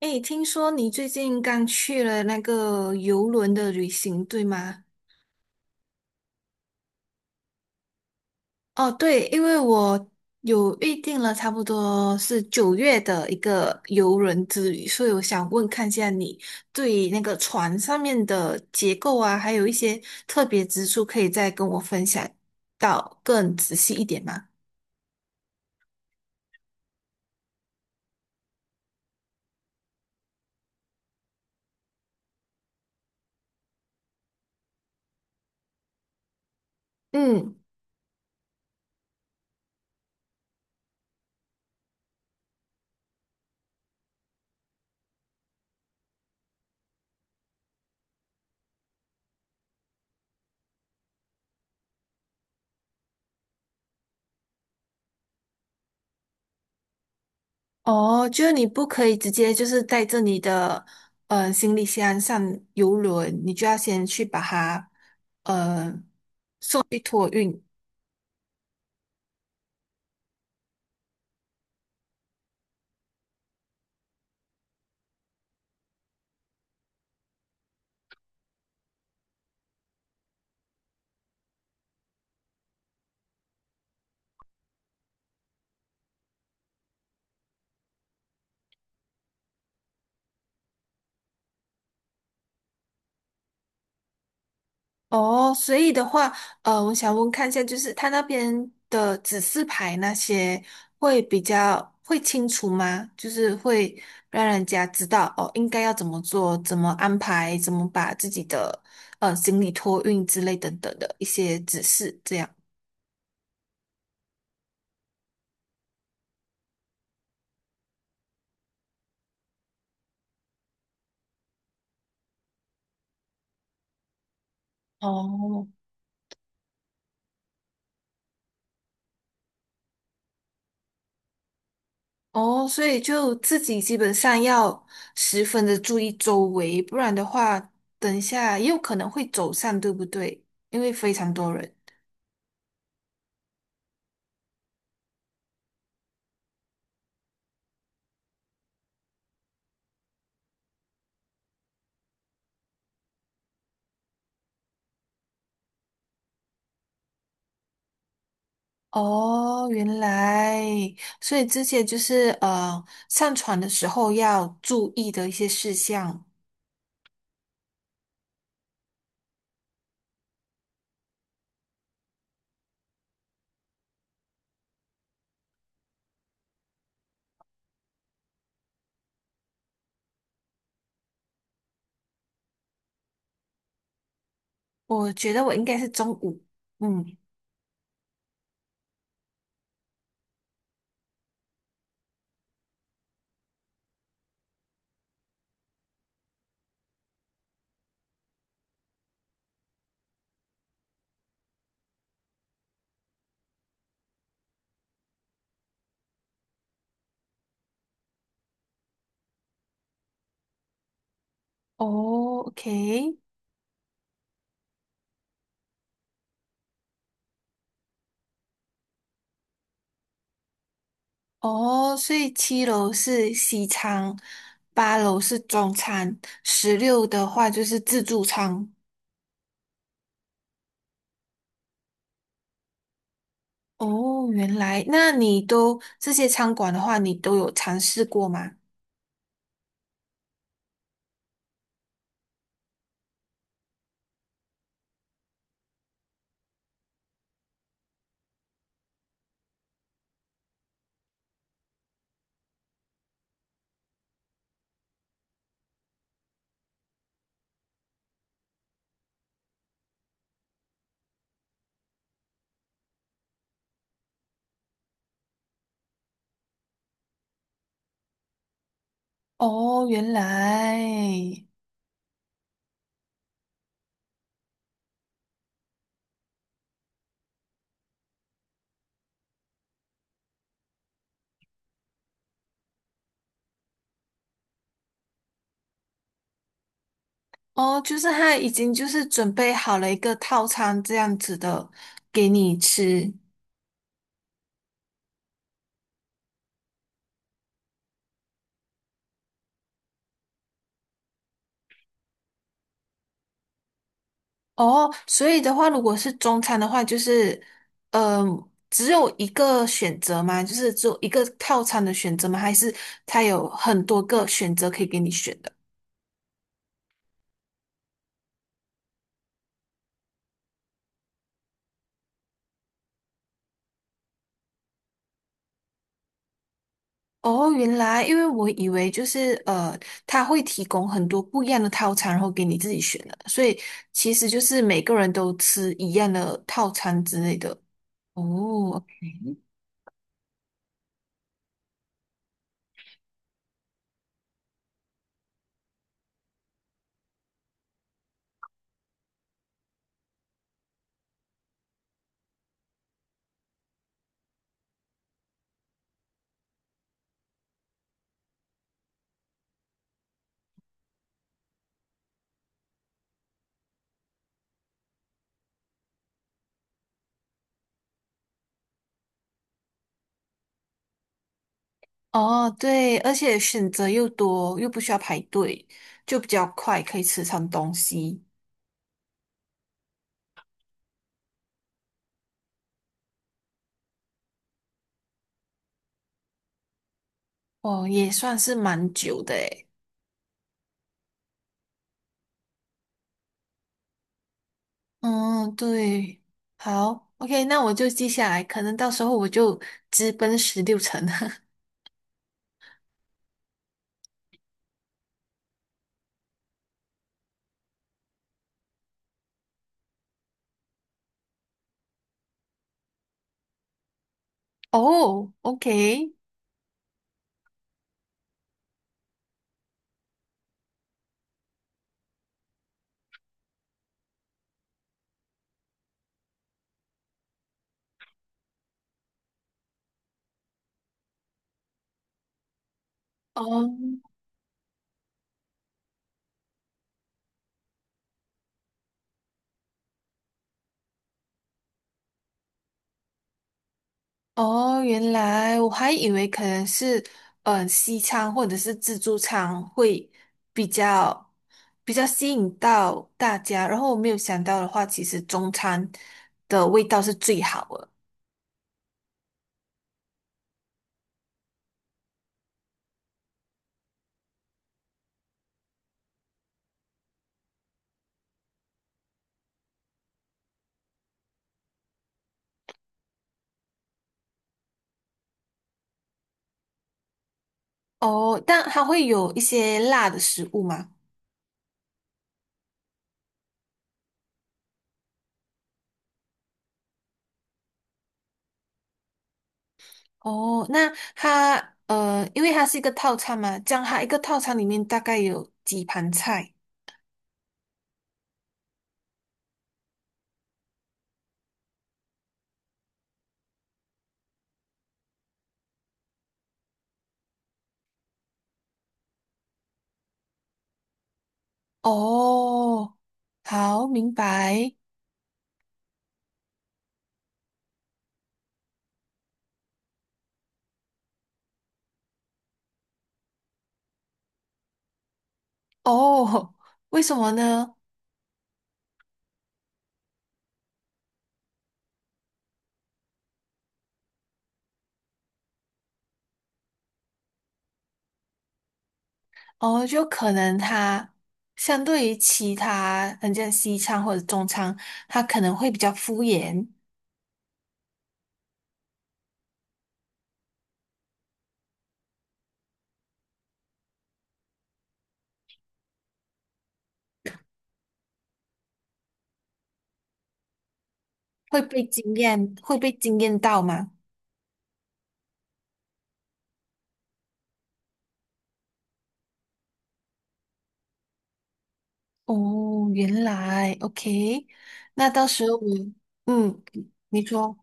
诶，听说你最近刚去了那个游轮的旅行，对吗？哦，对，因为我有预定了，差不多是9月的一个游轮之旅，所以我想问看一下你对那个船上面的结构啊，还有一些特别之处，可以再跟我分享到更仔细一点吗？嗯。哦，就是你不可以直接就是带着你的行李箱上游轮，你就要先去把它呃去托运。哦，所以的话，我想问看一下，就是他那边的指示牌那些会比较会清楚吗？就是会让人家知道哦，应该要怎么做，怎么安排，怎么把自己的行李托运之类等等的一些指示，这样。哦哦，所以就自己基本上要十分的注意周围，不然的话，等一下也有可能会走散，对不对？因为非常多人。哦，原来，所以这些就是上船的时候要注意的一些事项。我觉得我应该是中午，嗯，哦，OK，哦，所以7楼是西餐，8楼是中餐，十六的话就是自助餐。哦，原来，那你都这些餐馆的话，你都有尝试过吗？哦，原来，哦，就是他已经就是准备好了一个套餐这样子的给你吃。哦，所以的话，如果是中餐的话，就是，只有一个选择吗？就是只有一个套餐的选择吗？还是他有很多个选择可以给你选的？哦，原来，因为我以为就是他会提供很多不一样的套餐，然后给你自己选的，所以其实就是每个人都吃一样的套餐之类的。哦，OK，哦，对，而且选择又多，又不需要排队，就比较快，可以吃上东西。哦，也算是蛮久的诶。嗯，对，好，OK，那我就记下来，可能到时候我就直奔16层。哦，OK。哦，哦，原来我还以为可能是，西餐或者是自助餐会比较比较吸引到大家，然后我没有想到的话，其实中餐的味道是最好的。哦，但它会有一些辣的食物吗？哦，那它因为它是一个套餐嘛，这样它一个套餐里面大概有几盘菜？哦，好，明白。哦，为什么呢？哦，就可能它相对于其他人像西餐或者中餐，它可能会比较敷衍，会被惊艳到嘛？哦，原来，OK，那到时候我，嗯，你说，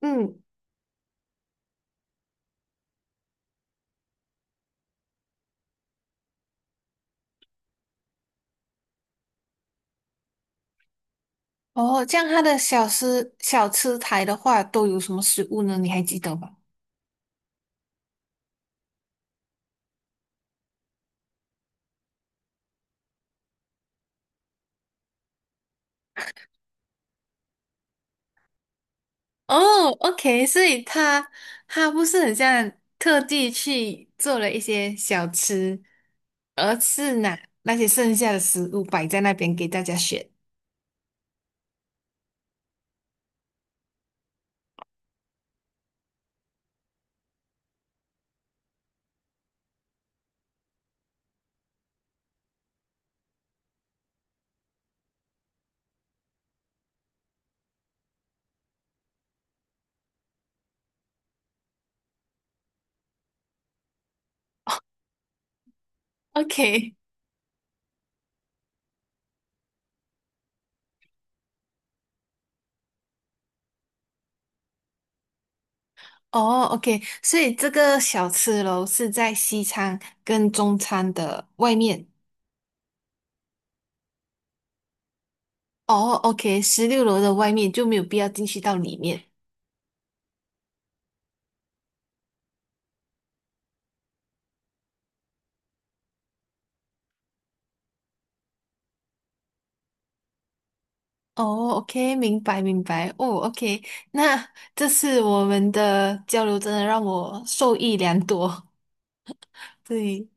嗯，哦，这样它的小吃台的话都有什么食物呢？你还记得吗？哦，OK，所以他不是很像特地去做了一些小吃，而是拿那些剩下的食物摆在那边给大家选。OK，哦，OK，所以这个小吃楼是在西餐跟中餐的外面。哦，OK，16楼的外面就没有必要进去到里面。哦，OK，明白明白。哦，OK，那这次我们的交流真的让我受益良多。对。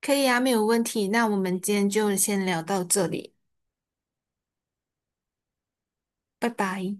可以啊，没有问题。那我们今天就先聊到这里，拜拜。